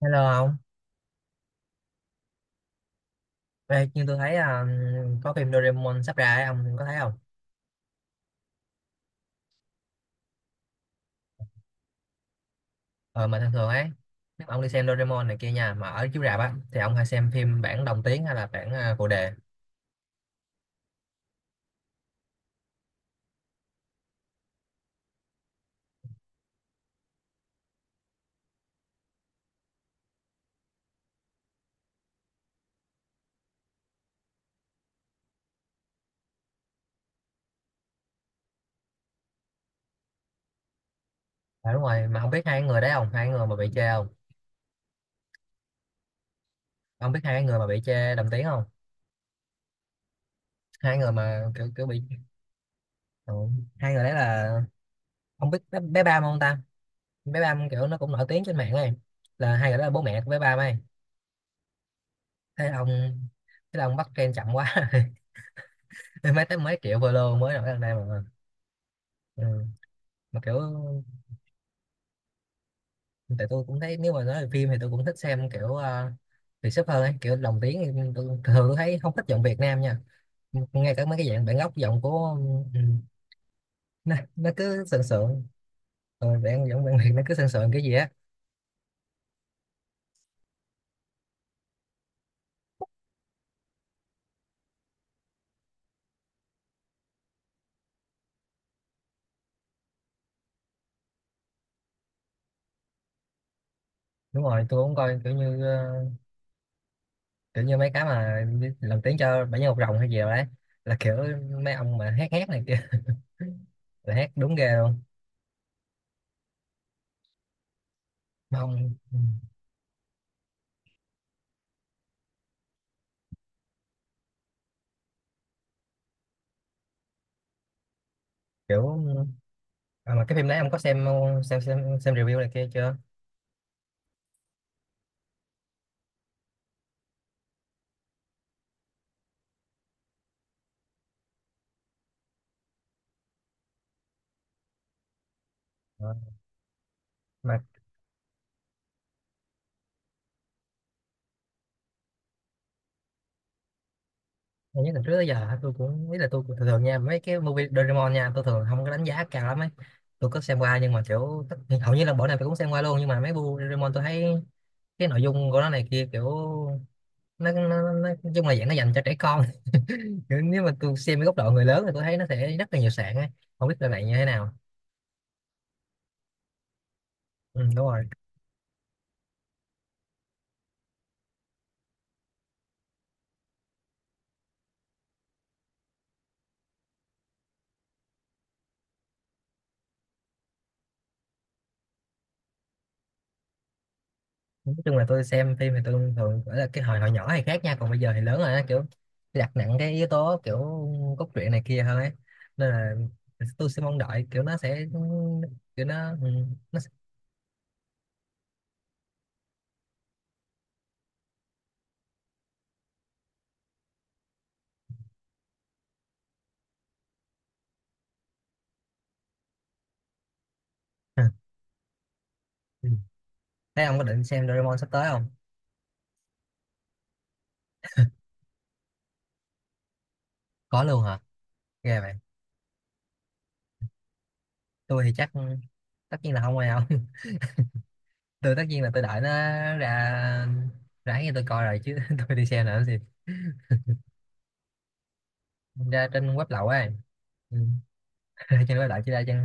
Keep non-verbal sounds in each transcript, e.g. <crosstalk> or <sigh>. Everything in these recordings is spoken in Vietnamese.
Hello ông. Ê, nhưng tôi thấy có phim Doraemon sắp ra ấy, ông có thấy không? Ờ, mà thường thường ấy, nếu mà ông đi xem Doraemon này kia nha, mà ở chiếu rạp á, thì ông hay xem phim bản đồng tiếng hay là bản phụ đề? À, đúng rồi, mà không biết hai cái người đấy không? Hai người mà bị chê không? Ông biết hai cái người mà bị chê đồng tiếng không? Hai người mà kiểu kiểu bị... Ừ. Hai người đấy là... Ông biết bé Bam không ta? Bé Bam kiểu nó cũng nổi tiếng trên mạng ấy. Là hai người đó là bố mẹ của bé Bam ấy. Thế ông... Thế là ông bắt trend chậm quá. <laughs> Mấy tới mấy triệu follow mới nổi lên đây mà. Ừ, mà kiểu tại tôi cũng thấy nếu mà nói về phim thì tôi cũng thích xem kiểu Việt sắp hơn ấy, kiểu lồng tiếng thì thường tôi thấy không thích giọng Việt Nam nha, ngay cả mấy cái dạng bản gốc giọng của, ừ, nó cứ sần sượng, ừ, bản giọng bản Việt nó cứ sần sượng cái gì á. Đúng rồi, tôi cũng coi kiểu như kiểu như mấy cái mà đi lồng tiếng cho bảy nhân một rồng hay gì đó đấy, là kiểu mấy ông mà hát hát này kia. <laughs> Là hát đúng ghê luôn mà ông, ừ, kiểu à, mà cái phim đấy ông có xem, xem review này kia chưa? Ờ, mà nhiều nhất từ trước tới giờ tôi cũng biết là tôi cũng thường thường nha, mấy cái movie Doraemon nha, tôi thường không có đánh giá cao lắm ấy. Tôi có xem qua nhưng mà kiểu hầu như là bộ nào tôi cũng xem qua luôn, nhưng mà mấy bộ Doraemon tôi thấy cái nội dung của nó này kia kiểu, nói chung là dạng nó dành cho trẻ con. <laughs> Kiểu nếu mà tôi xem cái góc độ người lớn thì tôi thấy nó sẽ rất là nhiều sạn ấy, không biết là bạn như thế nào. Ừ, đúng rồi, nói chung là tôi xem phim thì tôi thường gọi là cái hồi hồi nhỏ thì khác nha, còn bây giờ thì lớn rồi á, kiểu đặt nặng cái yếu tố kiểu cốt truyện này kia hơn ấy, nên là tôi sẽ mong đợi kiểu nó sẽ kiểu nó, ừ, nó sẽ... <laughs> Ừ, thế ông có định xem Doraemon sắp tới không? Có luôn hả? Ghê vậy. Tôi thì chắc tất nhiên là không ai không. <laughs> Tôi tất nhiên là tôi đợi nó ra, ráng như tôi coi rồi chứ. <laughs> Tôi đi xem là làm gì? Ra trên web lậu ấy. Ừ. <laughs> Ra trên web lậu chứ ra trên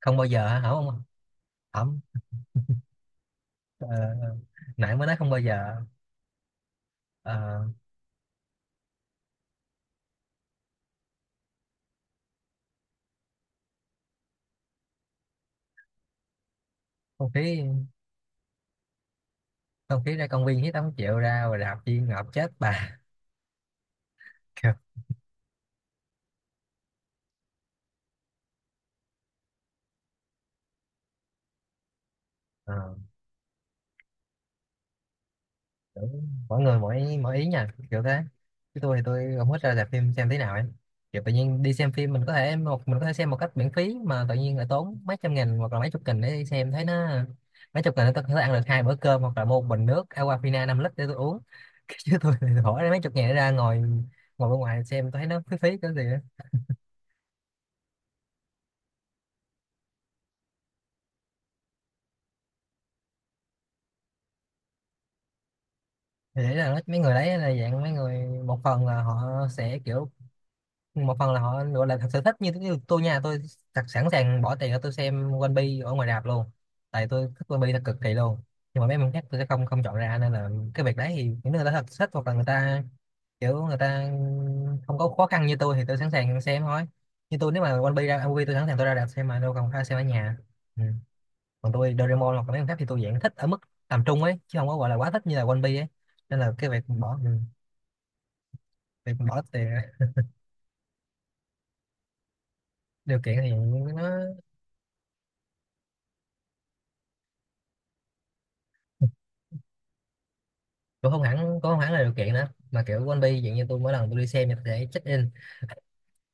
không bao giờ hả? Không, không. Ờ, nãy mới nói không bao giờ. Ờ, không khí, không khí ra công viên hít tám triệu ra rồi đạp chi ngợp chết bà. <laughs> Kiểu, ờ, kiểu mỗi người mỗi mỗi ý nha, kiểu thế, chứ tôi thì tôi không thích ra rạp phim xem thế nào ấy. Kiểu tự nhiên đi xem phim mình có thể một mình có thể xem một cách miễn phí, mà tự nhiên lại tốn mấy trăm nghìn hoặc là mấy chục nghìn để đi xem, thấy nó mấy chục nghìn để tôi có thể ăn được hai bữa cơm, hoặc là mua một bình nước Aquafina 5 lít để tôi uống. <laughs> Chứ tôi thì bỏ ra mấy chục nghìn để ra ngồi, ngồi bên ngoài xem tôi thấy nó phí phí cái gì. Thì đấy là mấy người đấy là dạng mấy người một phần là họ sẽ kiểu, một phần là họ gọi là thật sự thích như, như tôi nha, tôi thật sẵn sàng bỏ tiền để tôi xem One Piece ở ngoài rạp luôn, tại tôi thích One Piece thật cực kỳ luôn. Nhưng mà mấy mình khác tôi sẽ không không chọn ra, nên là cái việc đấy thì những người ta thật thích hoặc là người ta kiểu người ta không có khó khăn như tôi thì tôi sẵn sàng xem thôi. Như tôi nếu mà One Piece ra MV tôi sẵn sàng tôi ra rạp xem mà đâu cần phải xem ở nhà. Ừ, còn tôi Doraemon hoặc là mấy con khác thì tôi dạng thích ở mức tầm trung ấy, chứ không có gọi là quá thích như là One Piece ấy. Nên là cái việc bỏ, ừ, việc bỏ tiền điều kiện thì nó cũng không hẳn, cũng không hẳn là điều kiện nữa, mà kiểu One Piece dạng như tôi, mỗi lần tôi đi xem thì tôi sẽ check in,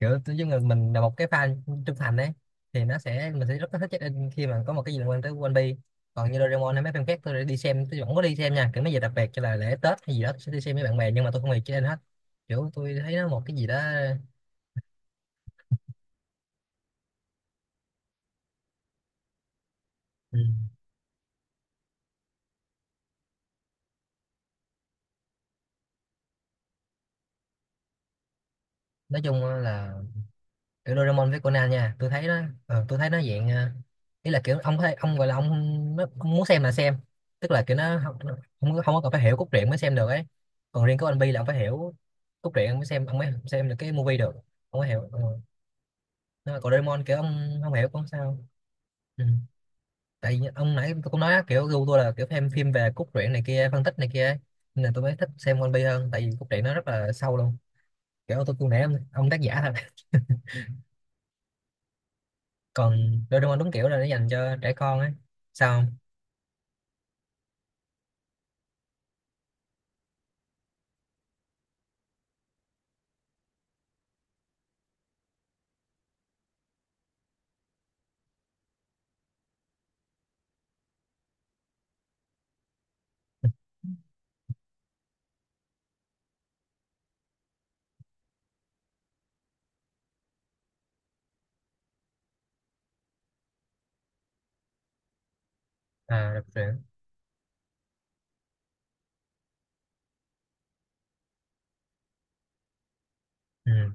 kiểu tôi giống như mình là một cái fan trung thành ấy, thì nó sẽ mình sẽ rất là thích check in khi mà có một cái gì liên quan tới One Piece. Còn như Doraemon hay mấy phim khác tôi đã đi xem tôi vẫn có đi xem nha, kiểu mấy giờ đặc biệt cho là lễ Tết hay gì đó tôi sẽ đi xem với bạn bè, nhưng mà tôi không hề check in hết, kiểu tôi thấy nó một cái gì đó. Ừ. Nói chung là kiểu Doraemon với Conan nha tôi thấy nó, ờ, tôi thấy nó dạng, ờ, ý là kiểu ông có thể ông gọi là nó, ông muốn xem là xem, tức là kiểu nó không, không có cần phải hiểu cốt truyện mới xem được ấy. Còn riêng của anh Bi là ông phải hiểu cốt truyện ông mới xem, ông mới xem được cái movie được, ông mới hiểu. Ừ. Nhưng mà còn Doraemon kiểu ông không hiểu cũng không sao. Ừ, tại vì ông nãy tôi cũng nói á, kiểu gu tôi là kiểu xem phim về cốt truyện này kia, phân tích này kia ấy. Nên là tôi mới thích xem One Piece hơn, tại vì cốt truyện nó rất là sâu luôn, kiểu tôi cũng nãy ông tác giả thật. Còn Doraemon đúng kiểu là nó dành cho trẻ con ấy. Sao không? À đọc truyện, ừ,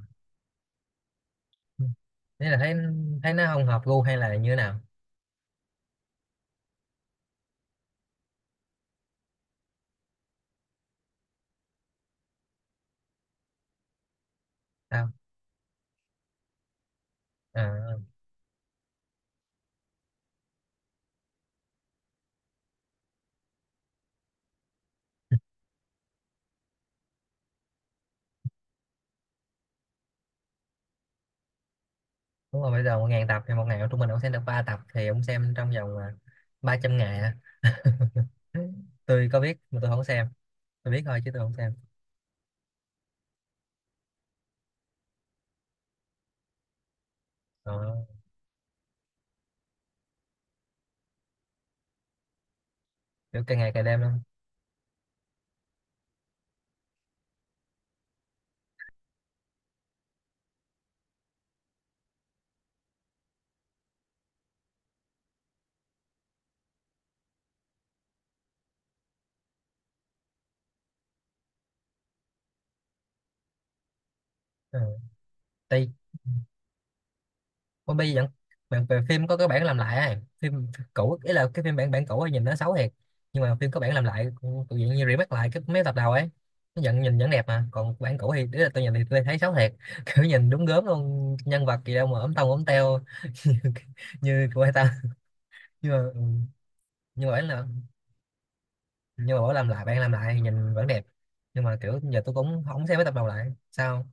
thế là thấy, thấy nó không hợp gu hay là như thế nào? Sao à, đúng rồi, bây giờ một ngàn tập thì một ngày trung bình ông xem được ba tập thì ông xem trong vòng à, ba trăm ngày à. Tôi có biết mà tôi không xem, tôi biết thôi chứ tôi không xem. Ờ, kiểu càng ngày càng đêm luôn. Ừ. Tại One Piece vẫn, bạn về phim có cái bản làm lại ấy. Phim cũ ý là cái phim bản bản cũ ấy nhìn nó xấu thiệt, nhưng mà phim có bản làm lại, tự nhiên như remake lại cái mấy tập đầu ấy, nó vẫn nhìn vẫn đẹp. Mà còn bản cũ thì ý là tôi nhìn thì tôi thấy xấu thiệt. <laughs> Kiểu nhìn đúng gớm luôn, nhân vật gì đâu mà ốm tông ốm teo. <laughs> Như, như của người ta, nhưng mà ừ, nhưng mà bản là, nhưng mà bảo làm lại bản làm lại thì nhìn vẫn đẹp, nhưng mà kiểu giờ tôi cũng không xem mấy tập đầu lại sao.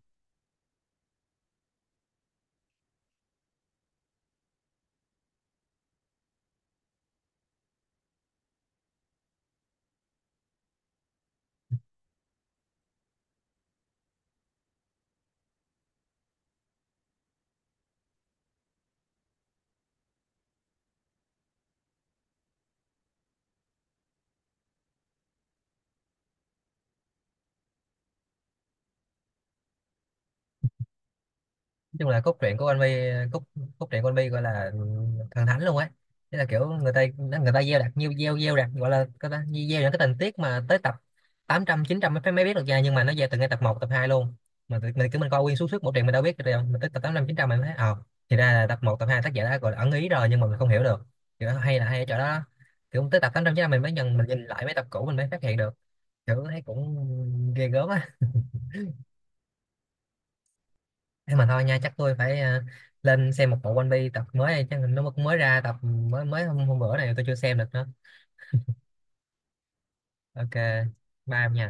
Chung là cốt truyện của anh Vy, cốt, cốt truyện của anh Vy gọi là thần thánh luôn ấy. Thế là kiểu người ta gieo đặt nhiêu gieo, gieo đặt gọi là cái ta gieo những cái tình tiết mà tới tập tám trăm chín trăm mới mới biết được ra, nhưng mà nó gieo từ ngay tập một tập 2 luôn. Mà mình cứ mình coi nguyên suốt suốt bộ truyện mình đâu biết được đâu, mình tới tập tám trăm chín trăm mình thấy ờ thì ra là tập một tập 2 tác giả đã gọi là ẩn ý rồi nhưng mà mình không hiểu được, kiểu nó hay là hay ở chỗ đó đó. Kiểu tới tập 800 900 mình mới nhận, mình nhìn lại mấy tập cũ mình mới phát hiện được, kiểu thấy cũng ghê gớm á. Thế mà thôi nha, chắc tôi phải ờ, lên xem một bộ One Piece tập mới này, chắc nó mới mới ra tập mới mới hôm bữa này tôi chưa xem được nữa. Ok, bye em nha.